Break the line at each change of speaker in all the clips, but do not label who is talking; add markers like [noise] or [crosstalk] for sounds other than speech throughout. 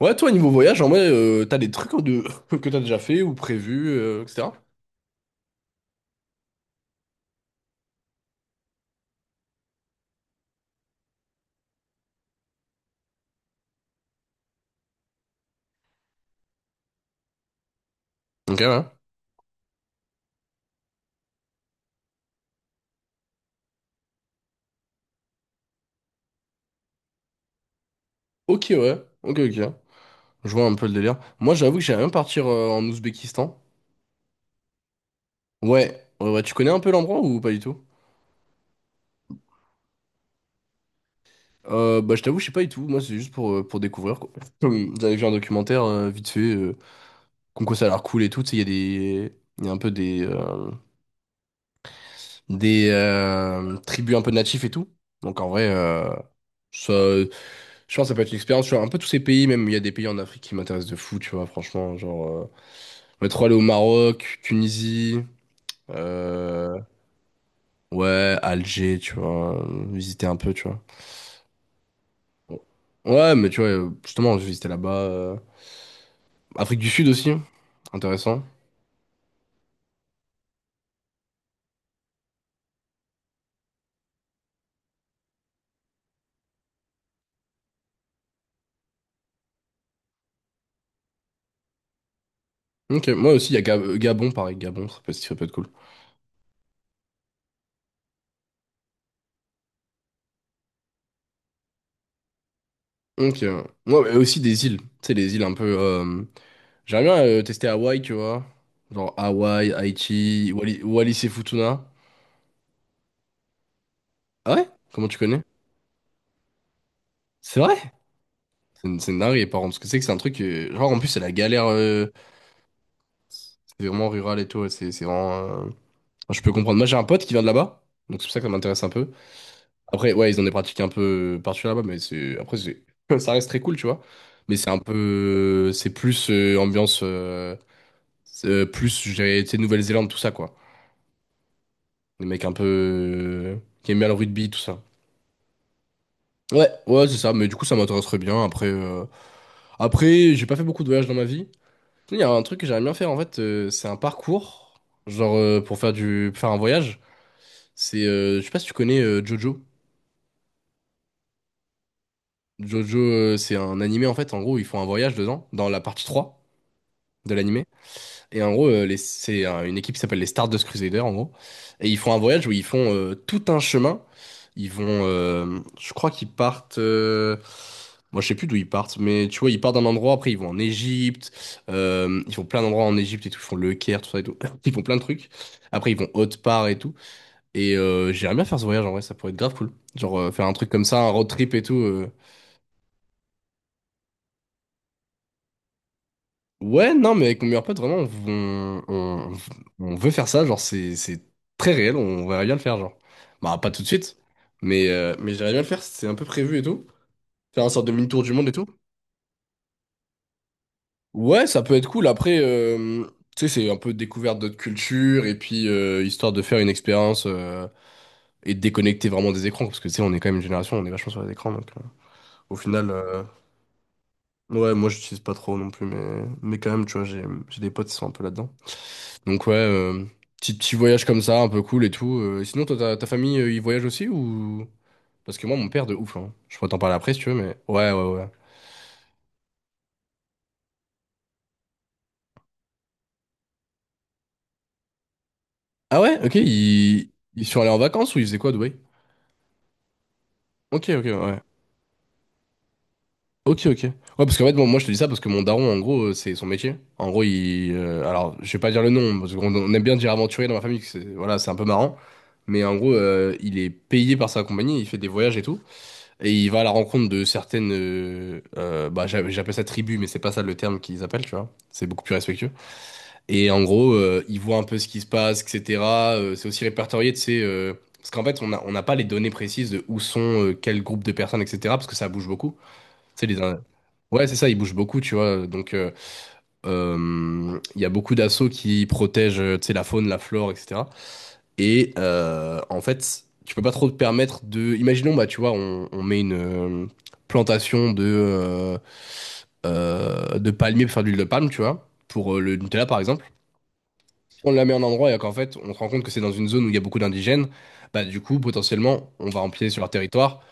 Ouais, toi, niveau voyage, en vrai, t'as des trucs, hein, de... [laughs] que t'as déjà fait ou prévu, etc. Ok, ouais. Ok, ouais. Ok, ok. Je vois un peu le délire. Moi, j'avoue que j'aimerais bien partir en Ouzbékistan. Ouais. Ouais, ouais. Tu connais un peu l'endroit ou pas du tout? Bah, je t'avoue, je sais pas du tout. Moi, c'est juste pour découvrir, quoi. [clears throat] Comme j'avais vu un documentaire, vite fait, comme quoi ça a l'air cool et tout. Tu sais, il y a des... Il y a un peu des tribus un peu natifs et tout. Donc, en vrai, ça... Je pense que ça peut être une expérience, tu vois, un peu tous ces pays, même il y a des pays en Afrique qui m'intéressent de fou, tu vois, franchement, genre, on est trop allé au Maroc, Tunisie, euh, ouais, Alger, tu vois, visiter un peu, tu vois. Bon. Ouais, mais tu vois, justement, j'ai visité là-bas, Afrique du Sud aussi, intéressant. Ok, moi aussi, il y a Gabon, pareil, Gabon, ça peut être cool. Ok, moi, mais aussi des îles, tu sais, les îles un peu, j'aimerais bien tester Hawaï, tu vois, genre Hawaï, Haïti, Wallis et Futuna. Ah ouais? Comment tu connais? C'est vrai? C'est une dinguerie, par contre, parce que c'est un truc, genre, en plus, c'est la galère, c'est vraiment rural et tout, c'est vraiment, enfin, je peux comprendre. Moi, j'ai un pote qui vient de là-bas, donc c'est pour ça que ça m'intéresse un peu. Après, ouais, ils ont des pratiques un peu particulières là-bas, mais [laughs] ça reste très cool, tu vois. Mais c'est un peu, c'est plus ambiance, c'est, plus, je dirais, tu sais, Nouvelle-Zélande, tout ça, quoi. Des mecs un peu, qui aiment bien le rugby, tout ça. Ouais, ouais, c'est ça, mais du coup, ça m'intéresserait bien. Après, j'ai pas fait beaucoup de voyages dans ma vie. Il y a un truc que j'aimerais bien faire en fait, c'est un parcours, genre pour faire un voyage. Je sais pas si tu connais Jojo. Jojo, c'est un animé en fait, en gros, ils font un voyage dedans, dans la partie 3 de l'animé. Et en gros, c'est une équipe qui s'appelle les Stardust Crusaders, en gros. Et ils font un voyage où ils font tout un chemin. Je crois qu'ils partent. Moi, je sais plus d'où ils partent, mais tu vois, ils partent d'un endroit. Après, ils vont en Égypte. Ils font plein d'endroits en Égypte et tout. Ils font le Caire, tout ça et tout. [laughs] Ils font plein de trucs. Après, ils vont haute part et tout. Et j'aimerais bien faire ce voyage en vrai. Ça pourrait être grave cool. Genre faire un truc comme ça, un road trip et tout. Ouais, non, mais avec mon meilleur pote, vraiment, on veut faire ça, genre, c'est très réel, on verrait bien le faire, genre. Bah, pas tout de suite, mais j'aimerais bien le faire, c'est un peu prévu et tout. Faire un sorte de mini-tour du monde et tout. Ouais, ça peut être cool, après, tu sais, c'est un peu découverte d'autres cultures, et puis, histoire de faire une expérience, et de déconnecter vraiment des écrans, parce que, tu sais, on est quand même une génération, on est vachement sur les écrans, donc, au final, ouais, moi, j'utilise pas trop non plus, mais quand même, tu vois, j'ai des potes qui sont un peu là-dedans. Donc ouais, petit, petit voyage comme ça, un peu cool et tout. Et sinon, toi, ta famille, ils voyagent aussi ou... Parce que moi, mon père, de ouf, hein. Je pourrais t'en parler après si tu veux, mais... Ouais, ouais, ouais. Ah ouais? Ok, ils sont allés en vacances ou ils faisaient quoi, à Dubaï? Ok, ok, ouais. Ok, ok. Ouais, parce qu'en fait, bon, moi, je te dis ça parce que mon daron, en gros, c'est son métier. En gros, alors, je vais pas dire le nom, parce qu'on aime bien dire aventurier dans ma famille, que c'est... Voilà, c'est un peu marrant. Mais en gros, il est payé par sa compagnie, il fait des voyages et tout. Et il va à la rencontre de certaines, j'appelle ça tribu, mais c'est pas ça le terme qu'ils appellent, tu vois. C'est beaucoup plus respectueux. Et en gros, il voit un peu ce qui se passe, etc. C'est aussi répertorié, tu sais, parce qu'en fait, on n'a pas les données précises de où sont, quel groupe de personnes, etc. Parce que ça bouge beaucoup. Tu sais, ouais, c'est ça, ils bougent beaucoup, tu vois. Donc, il y a beaucoup d'assauts qui protègent, tu sais, la faune, la flore, etc. Et en fait, tu peux pas trop te permettre de. Imaginons, bah, tu vois, on met une plantation de palmiers pour faire de l'huile de palme, tu vois, pour le Nutella par exemple. Si on la met à un endroit et qu'en fait, on se rend compte que c'est dans une zone où il y a beaucoup d'indigènes, bah, du coup, potentiellement, on va empiéter sur leur territoire.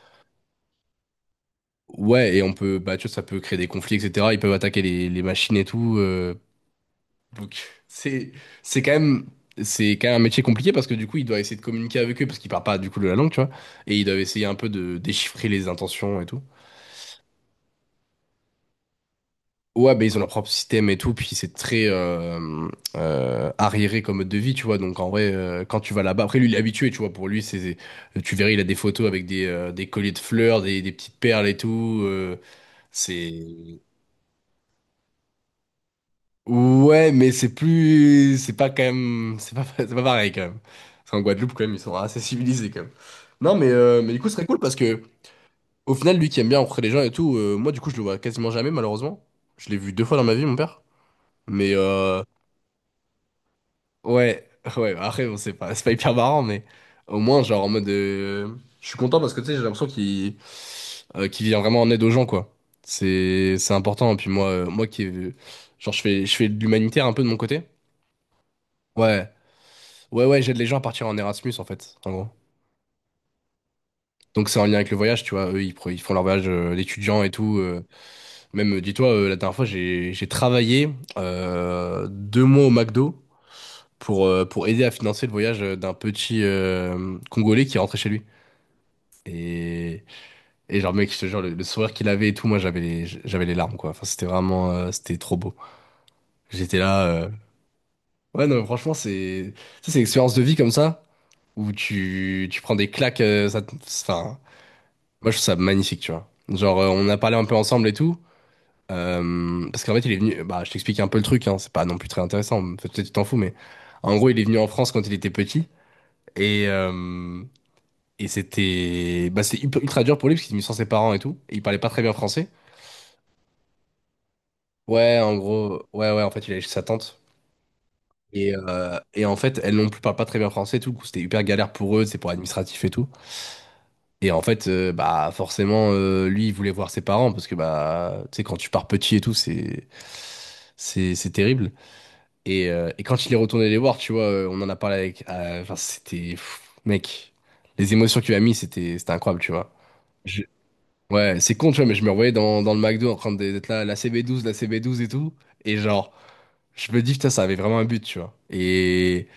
Ouais, et on peut, bah, tu vois, ça peut créer des conflits, etc. Ils peuvent attaquer les machines et tout. Donc c'est c'est quand même c'est quand même un métier compliqué, parce que du coup il doit essayer de communiquer avec eux, parce qu'ils parlent pas du coup de la langue, tu vois, et ils doivent essayer un peu de déchiffrer les intentions et tout. Ouais, ben ils ont leur propre système et tout, puis c'est très arriéré comme mode de vie, tu vois, donc en vrai, quand tu vas là-bas, après lui il est habitué, tu vois, pour lui c'est tu verras, il a des photos avec des colliers de fleurs, des petites perles et tout, c'est... Ouais, mais c'est plus, c'est pas quand même, c'est pas, [laughs] c'est pas pareil quand même. Parce qu'en Guadeloupe quand même, ils sont assez civilisés quand même. Non, mais du coup, ce serait cool parce que au final, lui qui aime bien rencontrer les gens et tout, moi du coup, je le vois quasiment jamais malheureusement. Je l'ai vu deux fois dans ma vie, mon père. Mais ouais, [laughs] ouais. Après, bon, c'est pas hyper marrant, mais au moins genre en mode, je suis content parce que tu sais, j'ai l'impression qu'il vient vraiment en aide aux gens, quoi. C'est important. Et puis moi, genre, je fais de l'humanitaire un peu de mon côté. Ouais. Ouais, ouais, j'aide les gens à partir en Erasmus, en fait, en gros. Donc c'est en lien avec le voyage, tu vois, eux, ils font leur voyage d'étudiants et tout. Même, dis-toi, la dernière fois, j'ai travaillé 2 mois au McDo pour aider à financer le voyage d'un petit Congolais qui rentrait chez lui. Et, et genre, mec, je te jure, le sourire qu'il avait et tout, moi, j'avais les larmes, quoi. Enfin, c'était vraiment, c'était trop beau. J'étais là... Ouais, non, mais franchement, c'est... ça, c'est une expérience de vie comme ça, où tu prends des claques, ça... enfin... Moi, je trouve ça magnifique, tu vois. Genre, on a parlé un peu ensemble et tout. Parce qu'en fait, il est venu. Bah, je t'explique un peu le truc, hein, c'est pas non plus très intéressant. Peut-être que tu t'en fous, mais en gros, il est venu en France quand il était petit. Et, euh, et c'était. Bah, c'est ultra dur pour lui parce qu'il est venu sans ses parents et tout. Et il parlait pas très bien français. Ouais, en gros. Ouais, ouais, en fait, il allait chez sa tante. Et en fait, elles non plus parlent pas très bien français et tout. Du coup, c'était hyper galère pour eux, c'est pour administratif et tout. Et en fait, bah forcément, lui, il voulait voir ses parents parce que bah, tu sais, quand tu pars petit et tout, c'est terrible. Et quand il est retourné les voir, tu vois, on en a parlé avec. Enfin, c'était mec, les émotions qu'il a mis, c'était c'était incroyable, tu vois. Je- Ouais, c'est con, tu vois, mais je me revoyais dans le McDo d'être là, la cb douze, la CB 12 et tout, et genre, je me dis putain, ça avait vraiment un but, tu vois. Et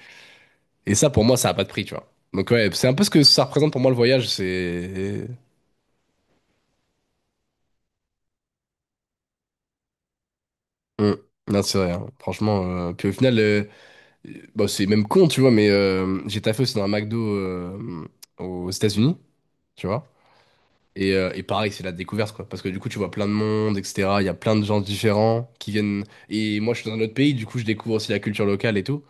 et ça, pour moi, ça a pas de prix, tu vois. Donc ouais, c'est un peu ce que ça représente pour moi le voyage, c'est Mm. Non, c'est vrai, hein. Franchement. Puis au final, bah, c'est même con, tu vois, mais j'ai taffé aussi dans un McDo aux États-Unis, tu vois. Et pareil, c'est la découverte, quoi. Parce que du coup, tu vois plein de monde, etc. Il y a plein de gens différents qui viennent. Et moi, je suis dans un autre pays, du coup, je découvre aussi la culture locale et tout.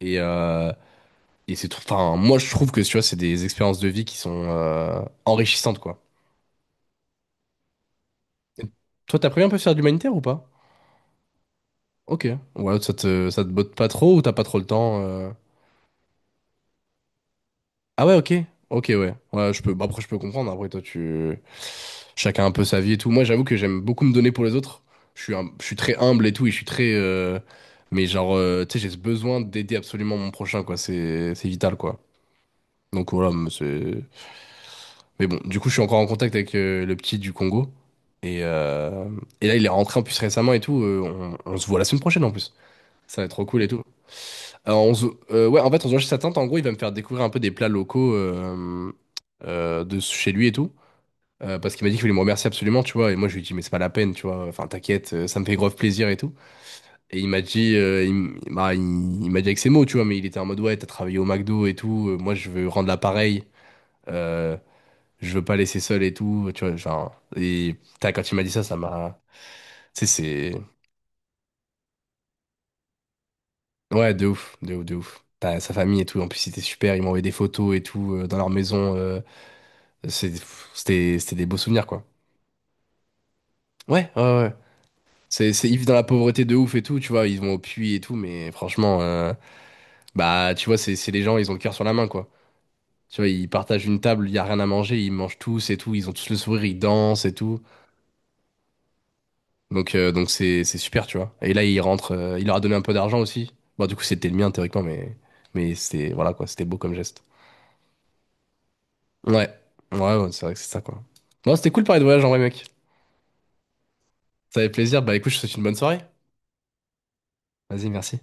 Et, euh, et c'est tout. Enfin, moi, je trouve que, tu vois, c'est des expériences de vie qui sont enrichissantes, quoi. Et toi, t'as prévu un peu de faire de l'humanitaire ou pas? Ok. Ouais, ça te botte pas trop ou t'as pas trop le temps? Ah ouais, ok. Ok, ouais. Ouais, je peux. Bah, après, je peux comprendre. Après, toi, tu. Chacun un peu sa vie et tout. Moi, j'avoue que j'aime beaucoup me donner pour les autres. Je suis très humble et tout. Et je suis très. Mais genre, tu sais, j'ai ce besoin d'aider absolument mon prochain, quoi. C'est vital, quoi. Donc voilà, mais c'est. Mais bon, du coup, je suis encore en contact avec le petit du Congo. Et, euh, et là, il est rentré en plus récemment et tout. On... on se voit la semaine prochaine en plus. Ça va être trop cool et tout. Alors, on se- ouais, en fait, on se voit chez sa tante. En gros, il va me faire découvrir un peu des plats locaux de chez lui et tout. Parce qu'il m'a dit qu'il voulait me remercier absolument, tu vois. Et moi, je lui ai dit, mais c'est pas la peine, tu vois. Enfin, t'inquiète, ça me fait grave plaisir et tout. Et il m'a dit, il, m- bah, Il m'a dit avec ses mots, tu vois. Mais il était en mode, ouais, t'as travaillé au McDo et tout. Moi, je veux rendre l'appareil. Euh, je veux pas laisser seul et tout. Tu vois, genre. Et putain, quand il m'a dit ça, ça m'a. Tu sais, c'est. Ouais, de ouf, de ouf, de ouf. T'as sa famille et tout. En plus, c'était super. Il m'a envoyé des photos et tout dans leur maison. C'est- C'était c'était des beaux souvenirs, quoi. Ouais, ouais, ouais. Ils vivent dans la pauvreté de ouf et tout, tu vois, ils vont au puits et tout, mais franchement, bah, tu vois, c'est les gens, ils ont le cœur sur la main, quoi. Tu vois, ils partagent une table, il y a rien à manger, ils mangent tous et tout, ils ont tous le sourire, ils dansent et tout. Donc c'est super, tu vois. Et là, ils rentrent, il leur a donné un peu d'argent aussi. Bon, du coup, c'était le mien, théoriquement, mais c'était, voilà, quoi, c'était beau comme geste. Ouais, ouais, ouais, c'est vrai que c'est ça, quoi. Bon, c'était cool de parler de voyage en vrai, mec. Ça fait plaisir, bah, écoute, je te souhaite une bonne soirée. Vas-y, merci.